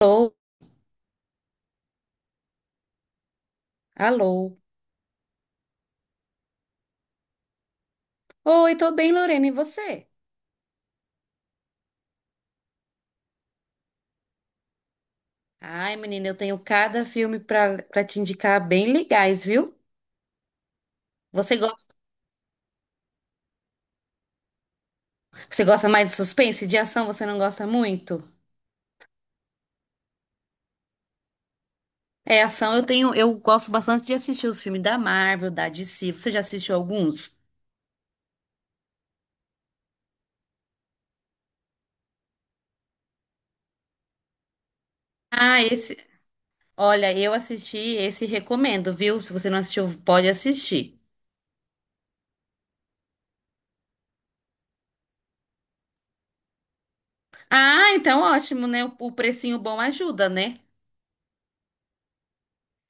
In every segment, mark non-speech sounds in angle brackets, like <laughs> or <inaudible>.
Alô, alô. Oi, tô bem, Lorena, e você? Ai, menina, eu tenho cada filme pra te indicar bem legais, viu? Você gosta, você gosta mais de suspense? De ação você não gosta muito? É, ação eu tenho, eu gosto bastante de assistir os filmes da Marvel, da DC. Você já assistiu alguns? Ah, esse, olha, eu assisti, esse recomendo, viu? Se você não assistiu, pode assistir. Ah, então ótimo, né? O precinho bom ajuda, né?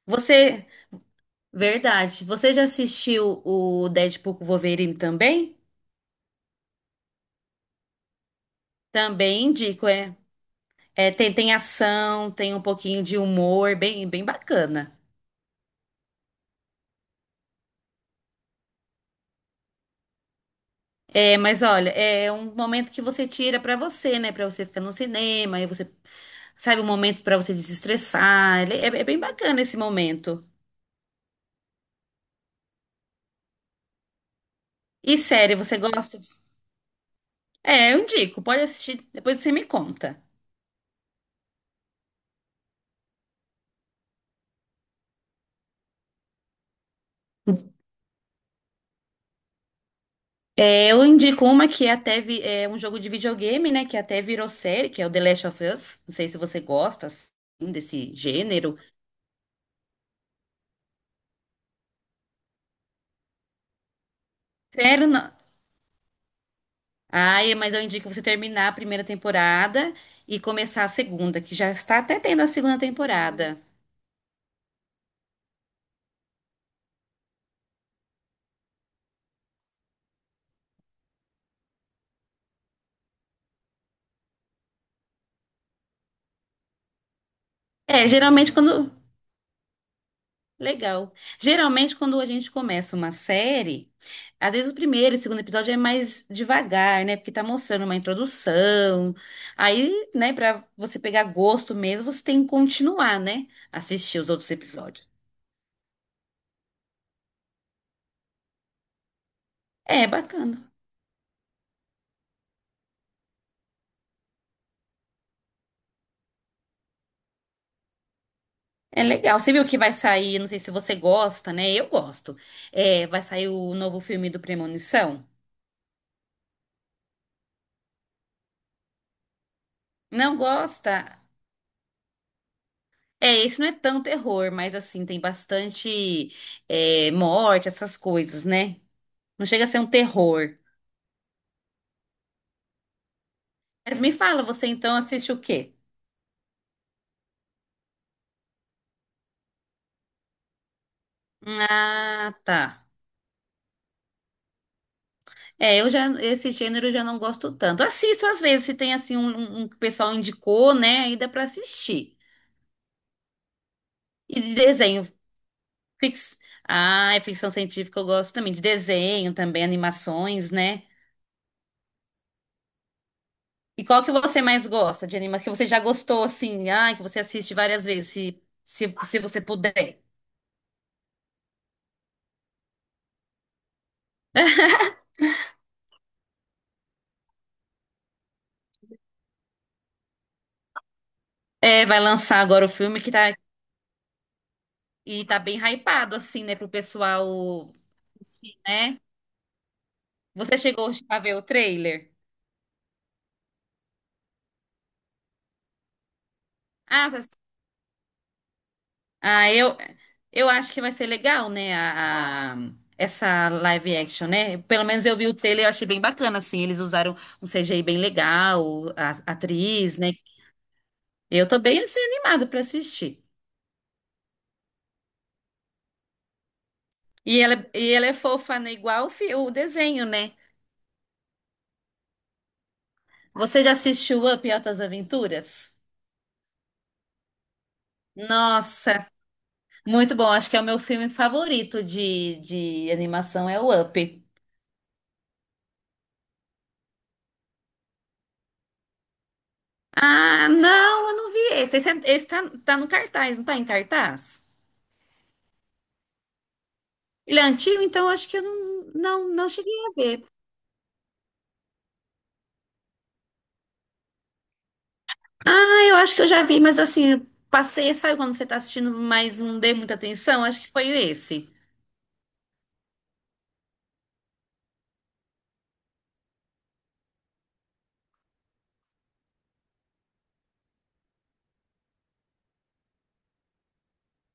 Você Verdade. Você já assistiu o Deadpool com Wolverine também? Também indico, é. É, tem ação, tem um pouquinho de humor, bem bacana. É, mas olha, é um momento que você tira pra você, né? Pra você ficar no cinema, aí você sabe um momento pra você desestressar. É, é bem bacana esse momento. E série, você gosta? É, eu indico. Pode assistir, depois você me conta. É, eu indico uma que é até é um jogo de videogame, né? Que até virou série, que é o The Last of Us. Não sei se você gosta assim, desse gênero. Sério, não. Ai, mas eu indico você terminar a primeira temporada e começar a segunda, que já está até tendo a segunda temporada. É, geralmente quando. Legal. Geralmente, quando a gente começa uma série, às vezes o primeiro e o segundo episódio é mais devagar, né? Porque tá mostrando uma introdução. Aí, né, pra você pegar gosto mesmo, você tem que continuar, né? Assistir os outros episódios. É bacana. É legal. Você viu que vai sair, não sei se você gosta, né? Eu gosto. É, vai sair o novo filme do Premonição? Não gosta? É, esse não é tão terror, mas assim, tem bastante, é, morte, essas coisas, né? Não chega a ser um terror. Mas me fala, você então assiste o quê? Ah, tá. É, eu já, esse gênero eu já não gosto tanto. Assisto às vezes, se tem assim um que o pessoal indicou, né? Aí dá pra assistir. E de desenho, fix... ah, é ficção científica eu gosto também. De desenho também, animações, né? E qual que você mais gosta de anima que você já gostou, assim, ah, que você assiste várias vezes, se você puder. É, vai lançar agora o filme que tá, e tá bem hypado, assim, né? Pro pessoal, né? Você chegou a ver o trailer? Ah, tá- ah, eu, eu acho que vai ser legal, né? Essa live action, né? Pelo menos eu vi o trailer e eu achei bem bacana, assim. Eles usaram um CGI bem legal, a atriz, né? Eu tô bem, assim, animada pra assistir. E ela é fofa, né? Igual o, o desenho, né? Você já assistiu Up e Altas Aventuras? Nossa, muito bom. Acho que é o meu filme favorito de animação, é o Up. Ah, não, eu não vi esse. Esse tá, tá no cartaz, não tá em cartaz? Ele é antigo, então eu acho que eu não cheguei a ver. Ah, eu acho que eu já vi, mas assim, eu passei, sabe quando você tá assistindo, mas não dei muita atenção? Acho que foi esse.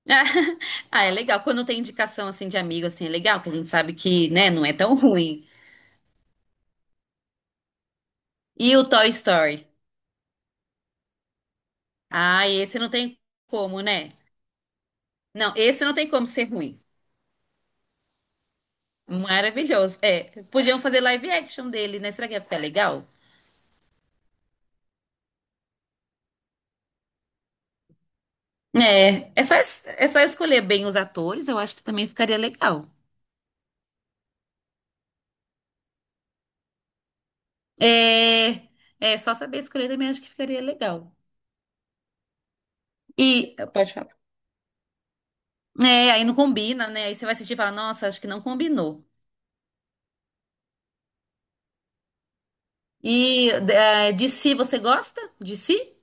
<laughs> Ah, é legal. Quando tem indicação assim de amigo, assim, é legal, que a gente sabe que, né, não é tão ruim. E o Toy Story? Ah, esse não tem como, né? Não, esse não tem como ser ruim. Maravilhoso. É, podiam fazer live action dele, né? Será que ia ficar legal? É, é só escolher bem os atores, eu acho que também ficaria legal. É, é só saber escolher também acho que ficaria legal. E pode falar. É, aí não combina, né? Aí você vai assistir e falar, nossa, acho que não combinou. E é, de si você gosta? De si?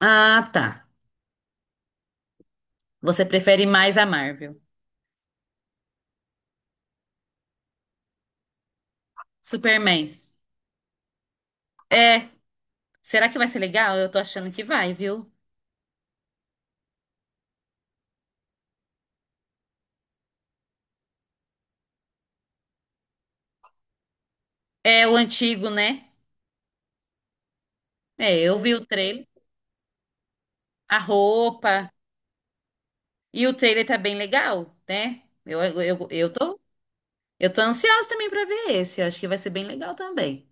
Ah, tá. Você prefere mais a Marvel. Superman. É, será que vai ser legal? Eu tô achando que vai, viu? É o antigo, né? É, eu vi o trailer, a roupa. E o trailer tá bem legal, né? Eu tô ansiosa também pra ver esse. Eu acho que vai ser bem legal também.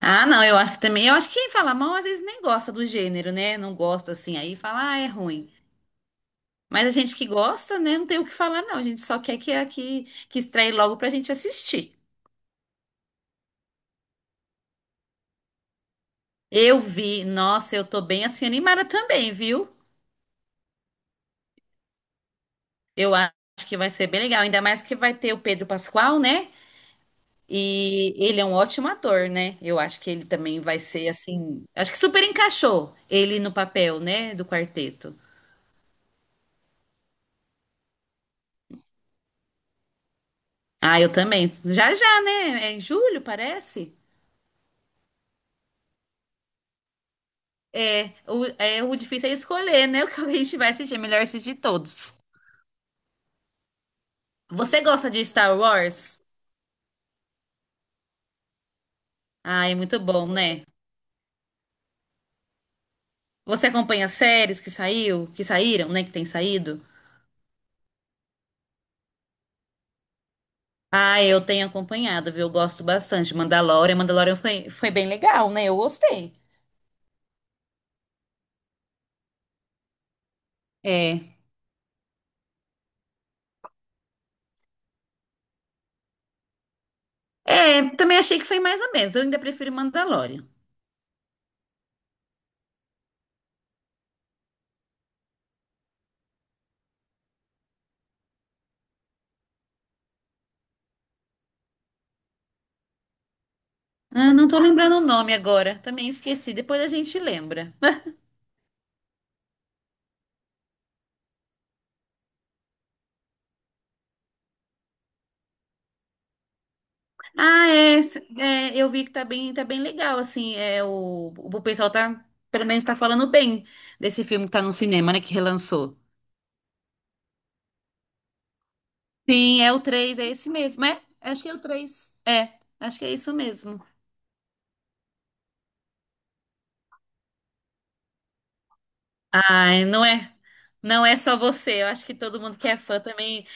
Ah, não, eu acho que também. Eu acho que quem fala mal às vezes nem gosta do gênero, né? Não gosta assim, aí fala, ah, é ruim. Mas a gente que gosta, né? Não tem o que falar, não. A gente só quer que estreie logo pra gente assistir. Eu vi, nossa, eu tô bem assim animada também, viu? Eu acho que vai ser bem legal. Ainda mais que vai ter o Pedro Pascal, né? E ele é um ótimo ator, né? Eu acho que ele também vai ser assim. Acho que super encaixou ele no papel, né? Do quarteto. Ah, eu também. Já já, né? É em julho, parece. É, o difícil é escolher, né? <laughs> O que a gente vai assistir. É melhor assistir todos. Você gosta de Star Wars? Ah, é muito bom, né? Você acompanha as séries que saíram, né? Que tem saído? Ah, eu tenho acompanhado, viu? Eu gosto bastante. Mandalorian foi, foi bem legal, né? Eu gostei. É. É, também achei que foi mais ou menos. Eu ainda prefiro Mandalorian. Ah, não tô lembrando o nome agora. Também esqueci. Depois a gente lembra. <laughs> Eu vi que tá tá bem legal, assim, é, o pessoal tá, pelo menos tá falando bem desse filme que tá no cinema, né, que relançou. Sim, é o três, é esse mesmo, é? Acho que é o três, é, acho que é isso mesmo. Ai, não é só você, eu acho que todo mundo que é fã também,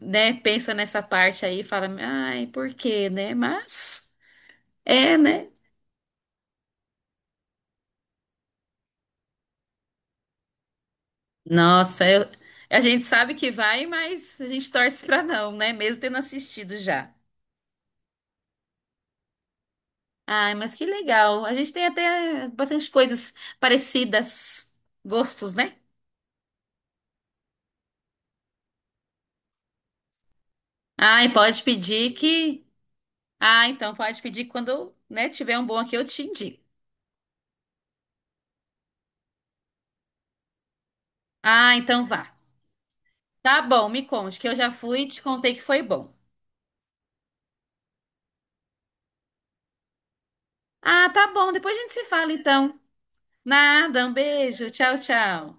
né, pensa nessa parte aí e fala, ai, por quê, né, mas... É, né? Nossa, eu- a gente sabe que vai, mas a gente torce pra não, né? Mesmo tendo assistido já. Ai, mas que legal. A gente tem até bastante coisas parecidas, gostos, né? Ai, pode pedir que. Ah, então pode pedir que quando, né, tiver um bom aqui, eu te indico. Ah, então vá. Tá bom, me conte, que eu já fui e te contei que foi bom. Ah, tá bom, depois a gente se fala então. Nada, um beijo, tchau, tchau.